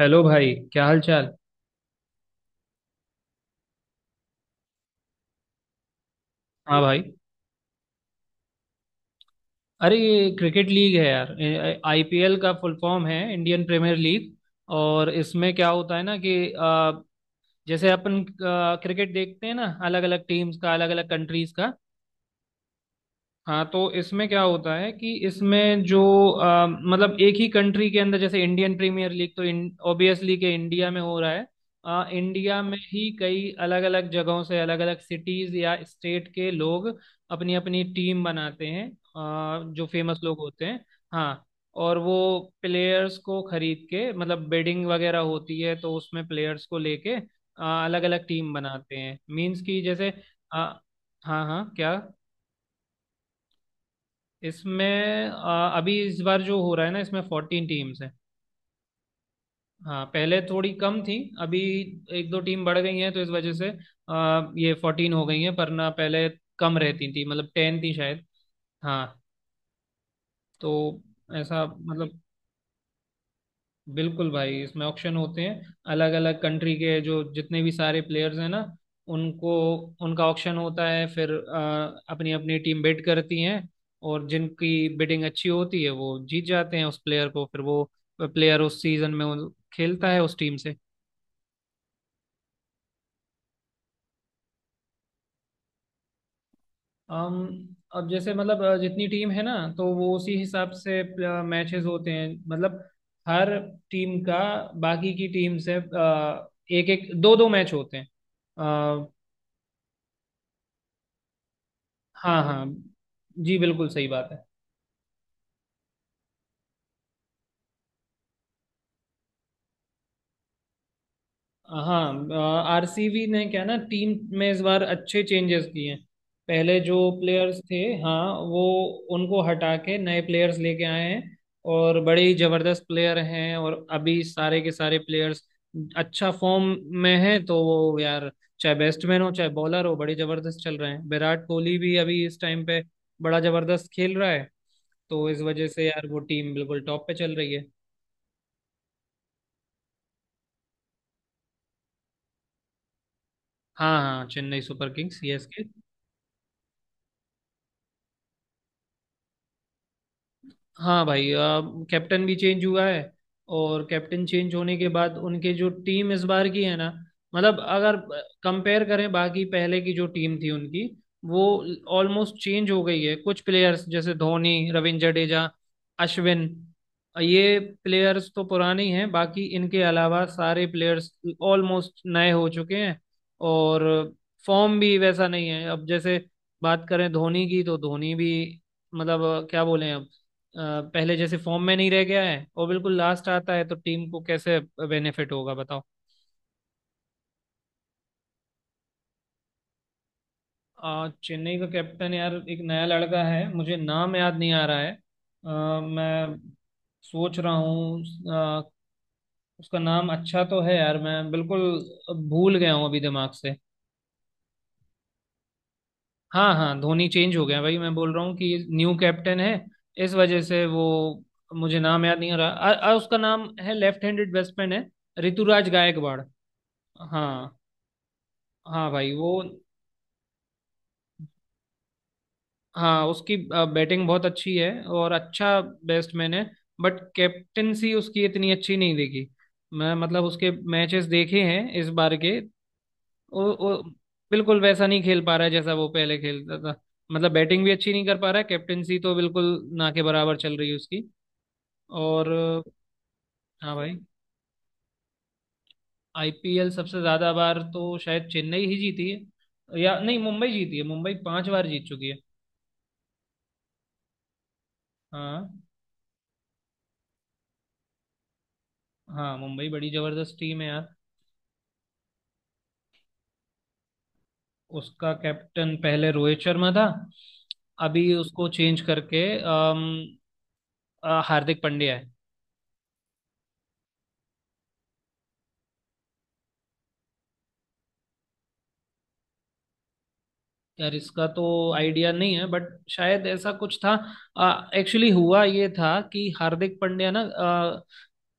Hello भाई, क्या हाल चाल। हाँ भाई। अरे, ये क्रिकेट लीग है यार। आईपीएल का फुल फॉर्म है इंडियन प्रीमियर लीग। और इसमें क्या होता है ना कि जैसे अपन क्रिकेट देखते हैं ना, अलग अलग टीम्स का, अलग अलग कंट्रीज का। हाँ, तो इसमें क्या होता है कि इसमें जो मतलब एक ही कंट्री के अंदर, जैसे इंडियन प्रीमियर लीग तो ऑब्वियसली के इंडिया में हो रहा है। इंडिया में ही कई अलग अलग जगहों से, अलग अलग सिटीज या स्टेट के लोग अपनी अपनी टीम बनाते हैं, जो फेमस लोग होते हैं। हाँ। और वो प्लेयर्स को खरीद के, मतलब बेडिंग वगैरह होती है, तो उसमें प्लेयर्स को लेके अलग अलग टीम बनाते हैं, मीन्स कि जैसे अ, हाँ हाँ, क्या। इसमें अभी इस बार जो हो रहा है ना, इसमें 14 टीम्स हैं। हाँ, पहले थोड़ी कम थी। अभी एक दो टीम बढ़ गई हैं, तो इस वजह से ये 14 हो गई हैं। पर ना, पहले कम रहती थी, मतलब 10 थी शायद। हाँ। तो ऐसा, मतलब बिल्कुल भाई, इसमें ऑक्शन होते हैं। अलग अलग कंट्री के जो जितने भी सारे प्लेयर्स हैं ना, उनको, उनका ऑक्शन होता है, फिर अपनी अपनी टीम बिड करती हैं। और जिनकी बिडिंग अच्छी होती है वो जीत जाते हैं उस प्लेयर को। फिर वो प्लेयर उस सीजन में खेलता है उस टीम से। अम अब जैसे, मतलब जितनी टीम है ना, तो वो उसी हिसाब से मैचेस होते हैं। मतलब हर टीम का बाकी की टीम से एक एक दो दो मैच होते हैं। हाँ हाँ, जी बिल्कुल सही बात है। हाँ, आरसीबी ने क्या ना, टीम में इस बार अच्छे चेंजेस किए हैं। पहले जो प्लेयर्स थे, हाँ, वो उनको हटा के नए प्लेयर्स लेके आए हैं। और बड़े ही जबरदस्त प्लेयर हैं, और अभी सारे के सारे प्लेयर्स अच्छा फॉर्म में हैं। तो वो यार, चाहे बैट्समैन हो चाहे बॉलर हो, बड़े जबरदस्त चल रहे हैं। विराट कोहली भी अभी इस टाइम पे बड़ा जबरदस्त खेल रहा है। तो इस वजह से यार, वो टीम बिल्कुल टॉप पे चल रही है। हाँ हाँ, चेन्नई सुपर किंग्स, सीएसके। हाँ भाई, अब कैप्टन भी चेंज हुआ है। और कैप्टन चेंज होने के बाद उनके जो टीम इस बार की है ना, मतलब अगर कंपेयर करें बाकी पहले की जो टीम थी उनकी, वो ऑलमोस्ट चेंज हो गई है। कुछ प्लेयर्स, जैसे धोनी, रविंद्र जडेजा, अश्विन, ये प्लेयर्स तो पुराने ही हैं। बाकी इनके अलावा सारे प्लेयर्स ऑलमोस्ट नए हो चुके हैं। और फॉर्म भी वैसा नहीं है। अब जैसे बात करें धोनी की, तो धोनी भी, मतलब क्या बोले अब, पहले जैसे फॉर्म में नहीं रह गया है, और बिल्कुल लास्ट आता है। तो टीम को कैसे बेनिफिट होगा, बताओ। चेन्नई का कैप्टन यार, एक नया लड़का है, मुझे नाम याद नहीं आ रहा है। मैं सोच रहा हूँ। अ, उसका नाम अच्छा तो है यार, मैं बिल्कुल भूल गया हूँ अभी दिमाग से। हाँ हाँ, धोनी चेंज हो गया भाई, मैं बोल रहा हूँ कि न्यू कैप्टन है। इस वजह से वो, मुझे नाम याद नहीं आ रहा। उसका नाम है, लेफ्ट हैंडेड बैट्समैन है, ऋतुराज गायकवाड़। हाँ। हाँ भाई, वो। हाँ, उसकी बैटिंग बहुत अच्छी है और अच्छा बैट्समैन है। बट कैप्टेंसी उसकी इतनी अच्छी नहीं दिखी। मैं, मतलब उसके मैचेस देखे हैं इस बार के, वो बिल्कुल वैसा नहीं खेल पा रहा है जैसा वो पहले खेलता था। मतलब बैटिंग भी अच्छी नहीं कर पा रहा है। कैप्टेंसी तो बिल्कुल ना के बराबर चल रही है उसकी। और। हाँ भाई, आईपीएल सबसे ज्यादा बार तो शायद चेन्नई ही जीती है, या नहीं मुंबई जीती है। मुंबई 5 बार जीत चुकी है। हाँ। हाँ, मुंबई बड़ी जबरदस्त टीम है यार। उसका कैप्टन पहले रोहित शर्मा था। अभी उसको चेंज करके हार्दिक पांड्या है। यार, इसका तो आइडिया नहीं है, बट शायद ऐसा कुछ था। एक्चुअली हुआ ये था कि हार्दिक पांड्या ना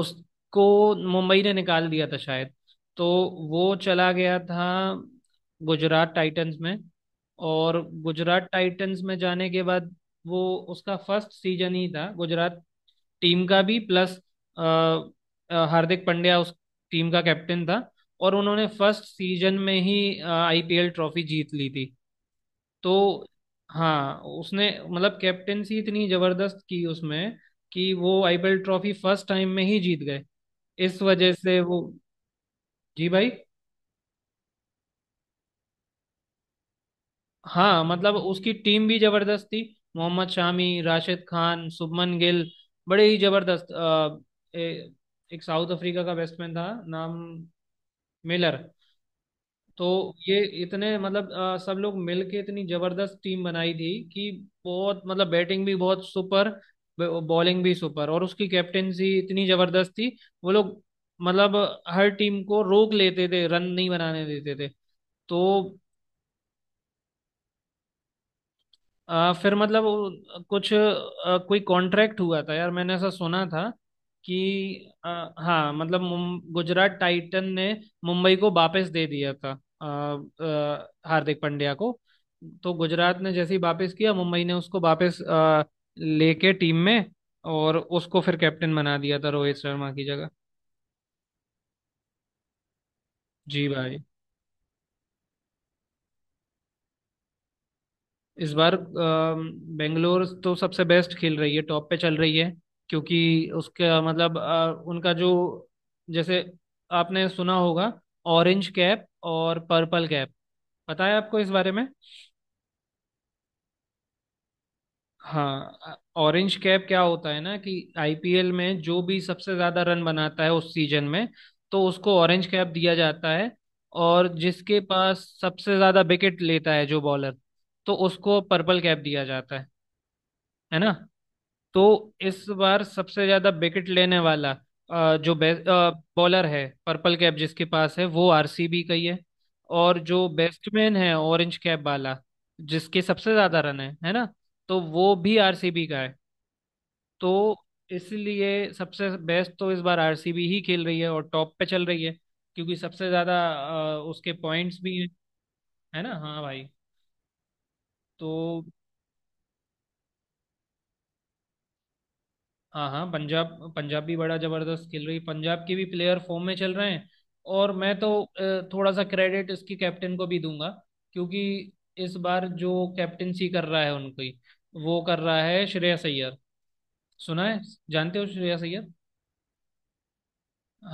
उसको मुंबई ने निकाल दिया था शायद। तो वो चला गया था गुजरात टाइटंस में। और गुजरात टाइटंस में जाने के बाद वो, उसका फर्स्ट सीजन ही था गुजरात टीम का भी, प्लस हार्दिक पांड्या उस टीम का कैप्टन था। और उन्होंने फर्स्ट सीजन में ही आईपीएल ट्रॉफी जीत ली थी। तो। हाँ। उसने, मतलब कैप्टेंसी इतनी जबरदस्त की उसमें, कि वो आईपीएल ट्रॉफी फर्स्ट टाइम में ही जीत गए। इस वजह से वो। जी भाई। हाँ, मतलब उसकी टीम भी जबरदस्त थी। मोहम्मद शामी, राशिद खान, शुभमन गिल, बड़े ही जबरदस्त। ए- एक साउथ अफ्रीका का बैट्समैन था, नाम मिलर। तो। ये इतने, मतलब सब लोग मिलके इतनी जबरदस्त टीम बनाई थी कि बहुत, मतलब बैटिंग भी बहुत सुपर, बॉलिंग भी सुपर, और उसकी कैप्टेंसी इतनी जबरदस्त थी। वो लोग, मतलब हर टीम को रोक लेते थे, रन नहीं बनाने देते थे। तो। फिर मतलब वो कुछ, कोई कॉन्ट्रैक्ट हुआ था यार, मैंने ऐसा सुना था कि हाँ, मतलब गुजरात टाइटन ने मुंबई को वापस दे दिया था, आ, आ, हार्दिक पांड्या को। तो गुजरात ने जैसे ही वापस किया, मुंबई ने उसको वापस लेके टीम में, और उसको फिर कैप्टन बना दिया था रोहित शर्मा की जगह। जी भाई। इस बार बेंगलोर तो सबसे बेस्ट खेल रही है, टॉप पे चल रही है। क्योंकि उसका, मतलब उनका जो, जैसे आपने सुना होगा, ऑरेंज कैप और पर्पल कैप, पता है आपको इस बारे में। हाँ, ऑरेंज कैप क्या होता है ना, कि आईपीएल में जो भी सबसे ज्यादा रन बनाता है उस सीजन में, तो उसको ऑरेंज कैप दिया जाता है। और जिसके पास सबसे ज्यादा विकेट लेता है जो बॉलर, तो उसको पर्पल कैप दिया जाता है ना। तो इस बार सबसे ज्यादा विकेट लेने वाला जो बॉलर है, पर्पल कैप जिसके पास है, वो आरसीबी का ही है। और जो बैट्समैन है ऑरेंज कैप वाला, जिसके सबसे ज्यादा रन है ना, तो वो भी आरसीबी का है। तो। इसलिए सबसे बेस्ट तो इस बार आरसीबी ही खेल रही है और टॉप पे चल रही है। क्योंकि सबसे ज्यादा उसके पॉइंट्स भी हैं, है ना। हाँ भाई। तो। हाँ हाँ, पंजाब पंजाब भी बड़ा जबरदस्त खेल रही है, पंजाब के भी प्लेयर फॉर्म में चल रहे हैं। और मैं तो थोड़ा सा क्रेडिट इसकी कैप्टन को भी दूंगा। क्योंकि इस बार जो कैप्टेंसी कर रहा है उनकी, वो कर रहा है श्रेयस अय्यर। सुना है, जानते हो श्रेयस अय्यर।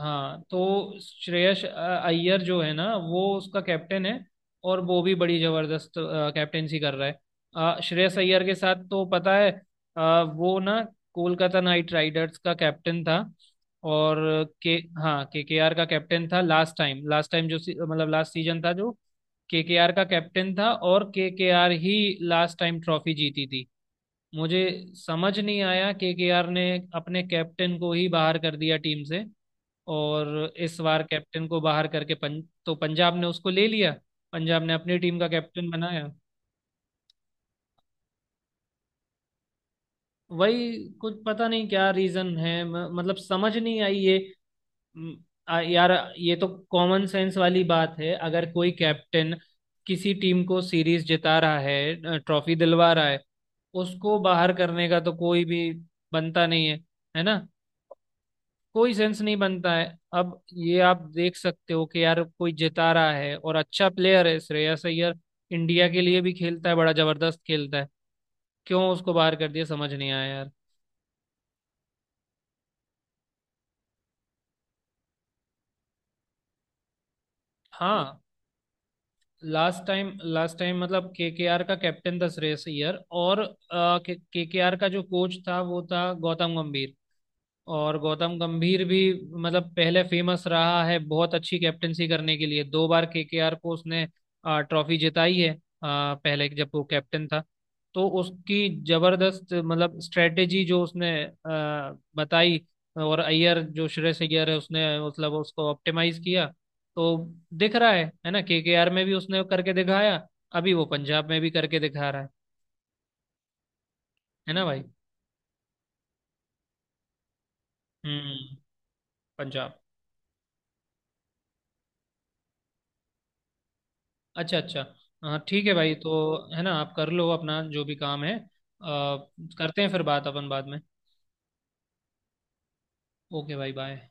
हाँ, तो श्रेयस अय्यर जो है ना, वो उसका कैप्टन है। और वो भी बड़ी जबरदस्त कैप्टेंसी कर रहा है। श्रेयस अय्यर के साथ तो पता है, वो ना कोलकाता नाइट राइडर्स का कैप्टन था। और के, हाँ, केकेआर का कैप्टन था लास्ट टाइम। लास्ट टाइम जो मतलब लास्ट सीजन था, जो केकेआर का कैप्टन था, और केकेआर ही लास्ट टाइम ट्रॉफी जीती थी। मुझे समझ नहीं आया, केकेआर ने अपने कैप्टन को ही बाहर कर दिया टीम से। और इस बार कैप्टन को बाहर करके तो पंजाब ने उसको ले लिया, पंजाब ने अपनी टीम का कैप्टन बनाया। वही, कुछ पता नहीं क्या रीजन है, मतलब समझ नहीं आई ये। म, यार, ये तो कॉमन सेंस वाली बात है। अगर कोई कैप्टन किसी टीम को सीरीज जिता रहा है, ट्रॉफी दिलवा रहा है, उसको बाहर करने का तो कोई भी बनता नहीं है, है ना। कोई सेंस नहीं बनता है। अब ये आप देख सकते हो कि यार, कोई जिता रहा है और अच्छा प्लेयर है श्रेयस अय्यर, इंडिया के लिए भी खेलता है, बड़ा जबरदस्त खेलता है। क्यों उसको बाहर कर दिया, समझ नहीं आया यार। हाँ, लास्ट टाइम, लास्ट टाइम मतलब केकेआर का कैप्टन था श्रेयस अय्यर, और केकेआर का जो कोच था वो था गौतम गंभीर। और गौतम गंभीर भी, मतलब पहले फेमस रहा है बहुत अच्छी कैप्टनसी करने के लिए, 2 बार केकेआर को उसने ट्रॉफी जिताई है। पहले जब वो कैप्टन था, तो उसकी जबरदस्त, मतलब स्ट्रेटेजी जो उसने बताई, और अय्यर, जो श्रेयस अय्यर है, उसने मतलब उसको ऑप्टिमाइज किया। तो दिख रहा है ना, केकेआर में भी उसने करके दिखाया, अभी वो पंजाब में भी करके दिखा रहा है। है ना भाई। हम्म। पंजाब। अच्छा अच्छा। हाँ ठीक है भाई, तो। है ना, आप कर लो अपना जो भी काम है, करते हैं फिर बात अपन बाद में। ओके भाई, बाय।